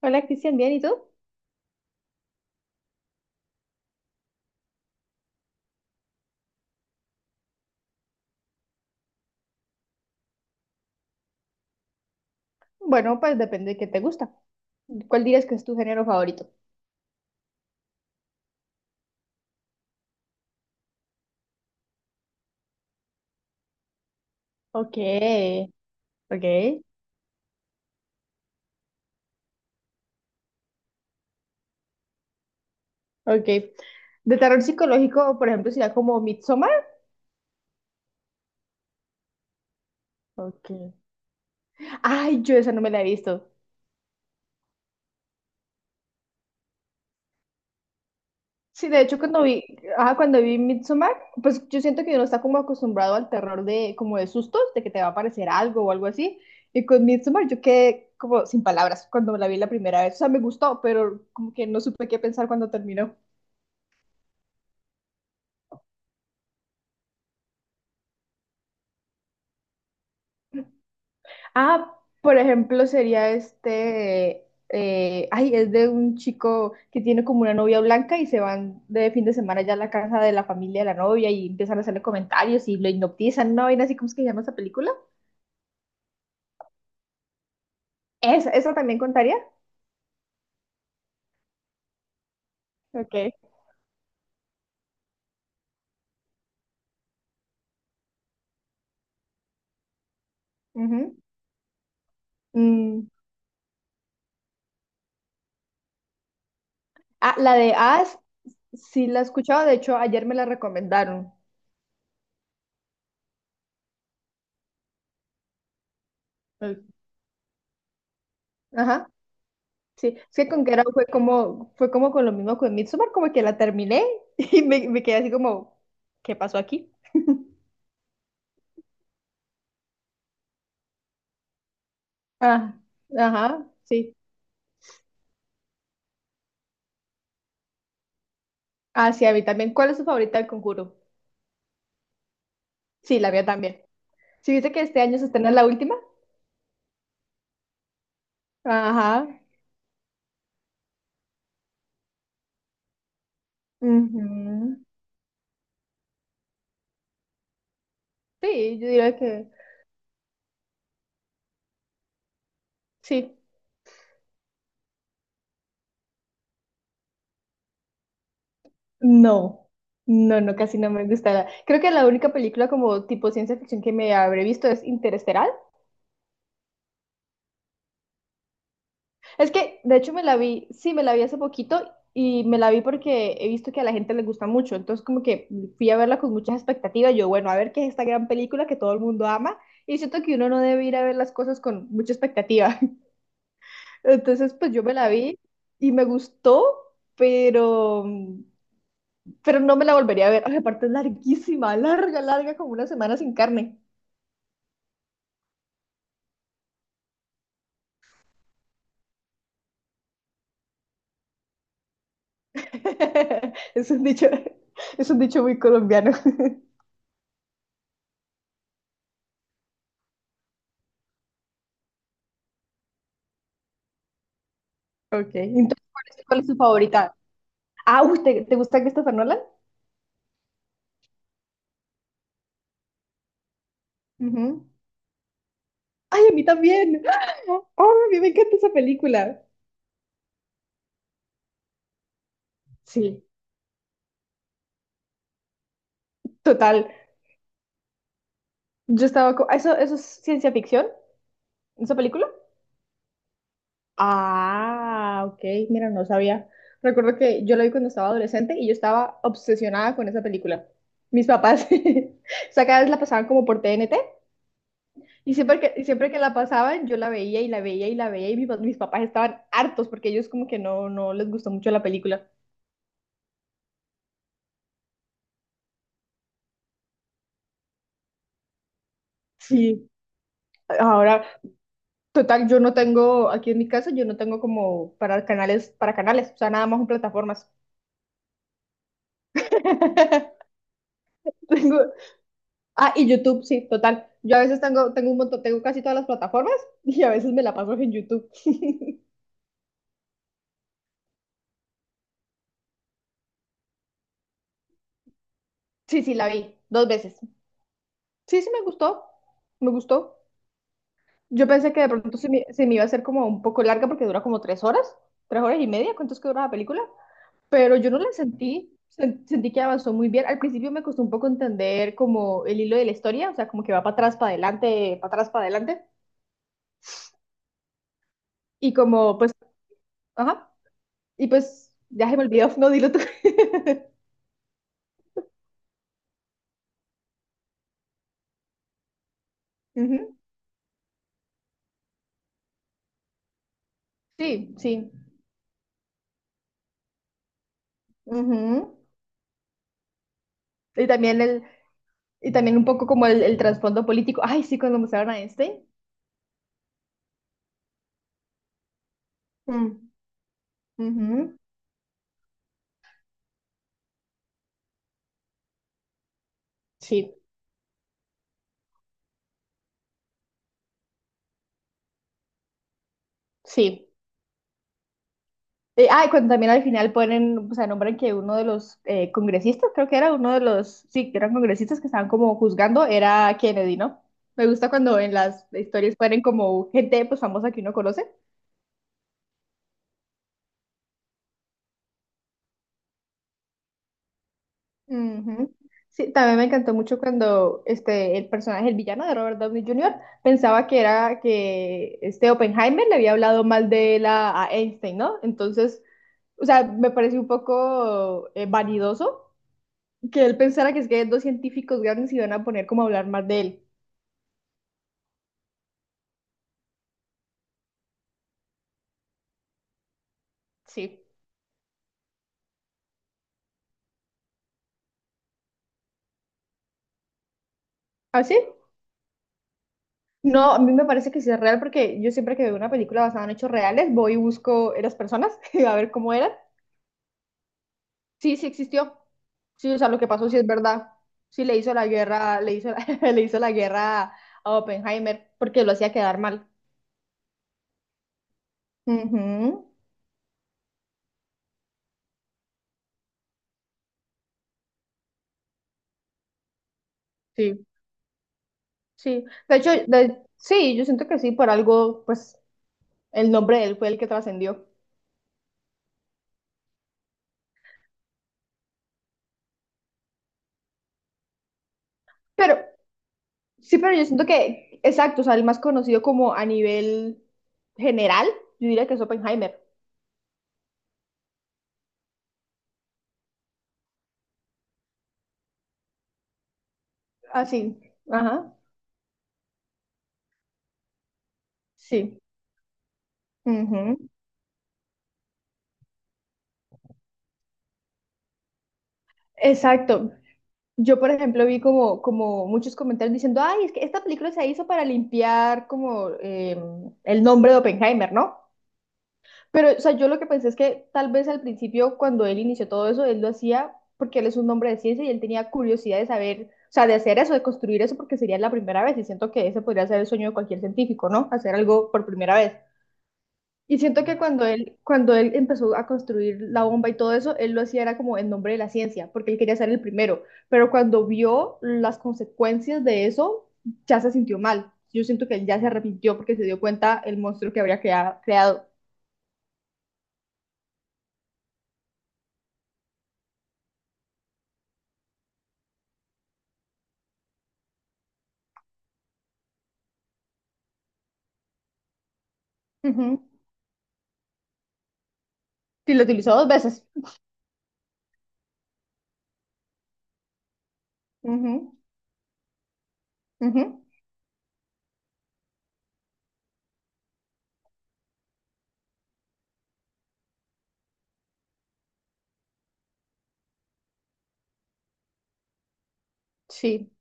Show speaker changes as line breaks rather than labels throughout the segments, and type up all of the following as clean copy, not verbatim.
Hola Cristian, ¿bien? ¿Y tú? Bueno, pues depende de qué te gusta. ¿Cuál dirías que es tu género favorito? Ok, ok, ok. De terror psicológico, por ejemplo, sería como Midsommar. Ok. Ay, yo esa no me la he visto. Sí, de hecho, cuando vi Midsommar, pues yo siento que uno está como acostumbrado al terror de, como de sustos, de que te va a aparecer algo o algo así. Y con Midsommar yo quedé como sin palabras cuando la vi la primera vez. O sea, me gustó, pero como que no supe qué pensar cuando terminó. Ah, por ejemplo, sería este, ay, es de un chico que tiene como una novia blanca y se van de fin de semana ya a la casa de la familia de la novia y empiezan a hacerle comentarios y lo hipnotizan, ¿no? Y así como es que se llama esa película. ¿Esa también contaría? Ok. Ujú. Mm, ah, la de As, sí la he escuchado, de hecho ayer me la recomendaron. El- Ajá. Sí, es que con Get Out fue como con lo mismo con Midsommar, como que la terminé y me quedé así como, ¿qué pasó aquí? Ah, ajá, sí. Ah, sí, a mí también. ¿Cuál es su favorita del Conjuro? Sí, la mía también. ¿Sí viste que este año se estrena la última? Ajá. Ujú. Sí, yo diría que sí. No, no, no, casi no me gusta. Creo que la única película como tipo ciencia ficción que me habré visto es Interestelar. Es que, de hecho, me la vi, sí, me la vi hace poquito y me la vi porque he visto que a la gente le gusta mucho. Entonces, como que fui a verla con muchas expectativas. Yo, bueno, a ver qué es esta gran película que todo el mundo ama. Y siento que uno no debe ir a ver las cosas con mucha expectativa. Entonces, pues yo me la vi y me gustó, pero, pero no me la volvería a ver. Ay, aparte es larguísima, larga, larga, como una semana sin carne. Es un dicho, es un dicho muy colombiano. Ok, entonces, ¿cuál es tu favorita? Ah, uy, ¿te gusta Christopher Nolan? Ujú. Ay, a mí también. Oh, a mí me encanta esa película. Sí, total. ¿Eso es ciencia ficción? ¿Esa película? Ah, ok, mira, no sabía. Recuerdo que yo la vi cuando estaba adolescente y yo estaba obsesionada con esa película. Mis papás, o sea, cada vez la pasaban como por TNT, y siempre que la pasaban yo la veía y la veía y la veía, y mis papás estaban hartos porque ellos como que no les gustó mucho la película. Sí. Ahora. Total, yo no tengo, aquí en mi casa, yo no tengo como para canales, o sea, nada más en plataformas. Tengo, y YouTube, sí, total. Yo a veces tengo un montón, tengo casi todas las plataformas y a veces me la paso en YouTube. Sí, sí, la vi, dos veces. Sí, sí, me gustó, me gustó. Yo pensé que de pronto se me iba a hacer como un poco larga porque dura como 3 horas, 3 horas y media, ¿cuánto es que dura la película? Pero yo no la sentí. Sentí que avanzó muy bien. Al principio me costó un poco entender como el hilo de la historia, o sea, como que va para atrás, para adelante, para atrás, para adelante. Y como, pues, ajá. Y pues, ya se me olvidó, no, dilo tú. Ujú. Sí, sí. Ujú. Y también el, y también un poco como el trasfondo político. Ay, sí, cuando mostraron a Einstein. Mm, ujú. Sí, sí. Y cuando también al final ponen, o sea, nombran que uno de los congresistas, creo que era uno de los, sí, que eran congresistas que estaban como juzgando, era Kennedy, ¿no? Me gusta cuando en las historias ponen como gente pues famosa que uno conoce. Ujú. Sí, también me encantó mucho cuando este, el personaje, el villano de Robert Downey Jr., pensaba que era que este Oppenheimer le había hablado mal de él a Einstein, ¿no? Entonces, o sea, me pareció un poco vanidoso, que él pensara que es que dos científicos grandes y van a poner como a hablar más de él. Sí. ¿Ah, sí? No, a mí me parece que sí es real porque yo siempre que veo una película basada en hechos reales, voy y busco las personas a ver cómo eran. Sí, sí existió. Sí, o sea, lo que pasó sí es verdad. Sí le hizo la guerra, le hizo le hizo la guerra a Oppenheimer porque lo hacía quedar mal. Ujú. Sí, sí. De hecho, sí, yo siento que sí, por algo, pues el nombre de él fue el que trascendió. Pero... Sí, pero yo siento que, exacto, o sea, el más conocido como a nivel general, yo diría que es Oppenheimer. Así, ajá, sí. Ujú. Exacto. Yo, por ejemplo, vi como muchos comentarios diciendo, ay, es que esta película se hizo para limpiar como el nombre de Oppenheimer, ¿no? Pero, o sea, yo lo que pensé es que tal vez al principio, cuando él inició todo eso, él lo hacía porque él es un hombre de ciencia y él tenía curiosidad de saber, o sea, de hacer eso, de construir eso, porque sería la primera vez. Y siento que ese podría ser el sueño de cualquier científico, ¿no? Hacer algo por primera vez. Y siento que cuando él empezó a construir la bomba y todo eso, él lo hacía era como en nombre de la ciencia, porque él quería ser el primero. Pero cuando vio las consecuencias de eso, ya se sintió mal. Yo siento que él ya se arrepintió porque se dio cuenta el monstruo que habría creado. Sí, lo utilizó dos veces. Ujú, ujú. Sí.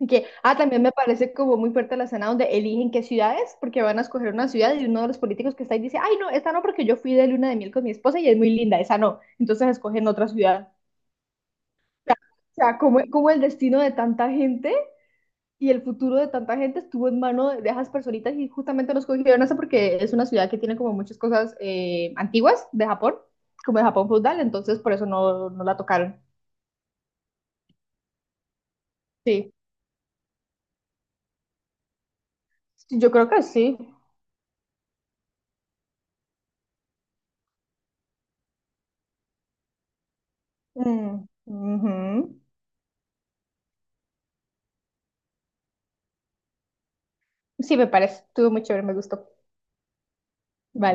Y que, también me parece como muy fuerte la escena donde eligen qué ciudades, porque van a escoger una ciudad y uno de los políticos que está ahí dice, ay, no, esta no, porque yo fui de luna de miel con mi esposa y es muy linda, esa no. Entonces escogen otra ciudad. O sea, como, como el destino de tanta gente y el futuro de tanta gente estuvo en mano de esas personitas y justamente nos cogieron eso porque es una ciudad que tiene como muchas cosas antiguas de Japón, como de Japón feudal, entonces por eso no, no la tocaron. Sí, sí, yo creo que sí. Mm, ujú. Sí, me parece. Estuvo muy chévere, me gustó. Vale.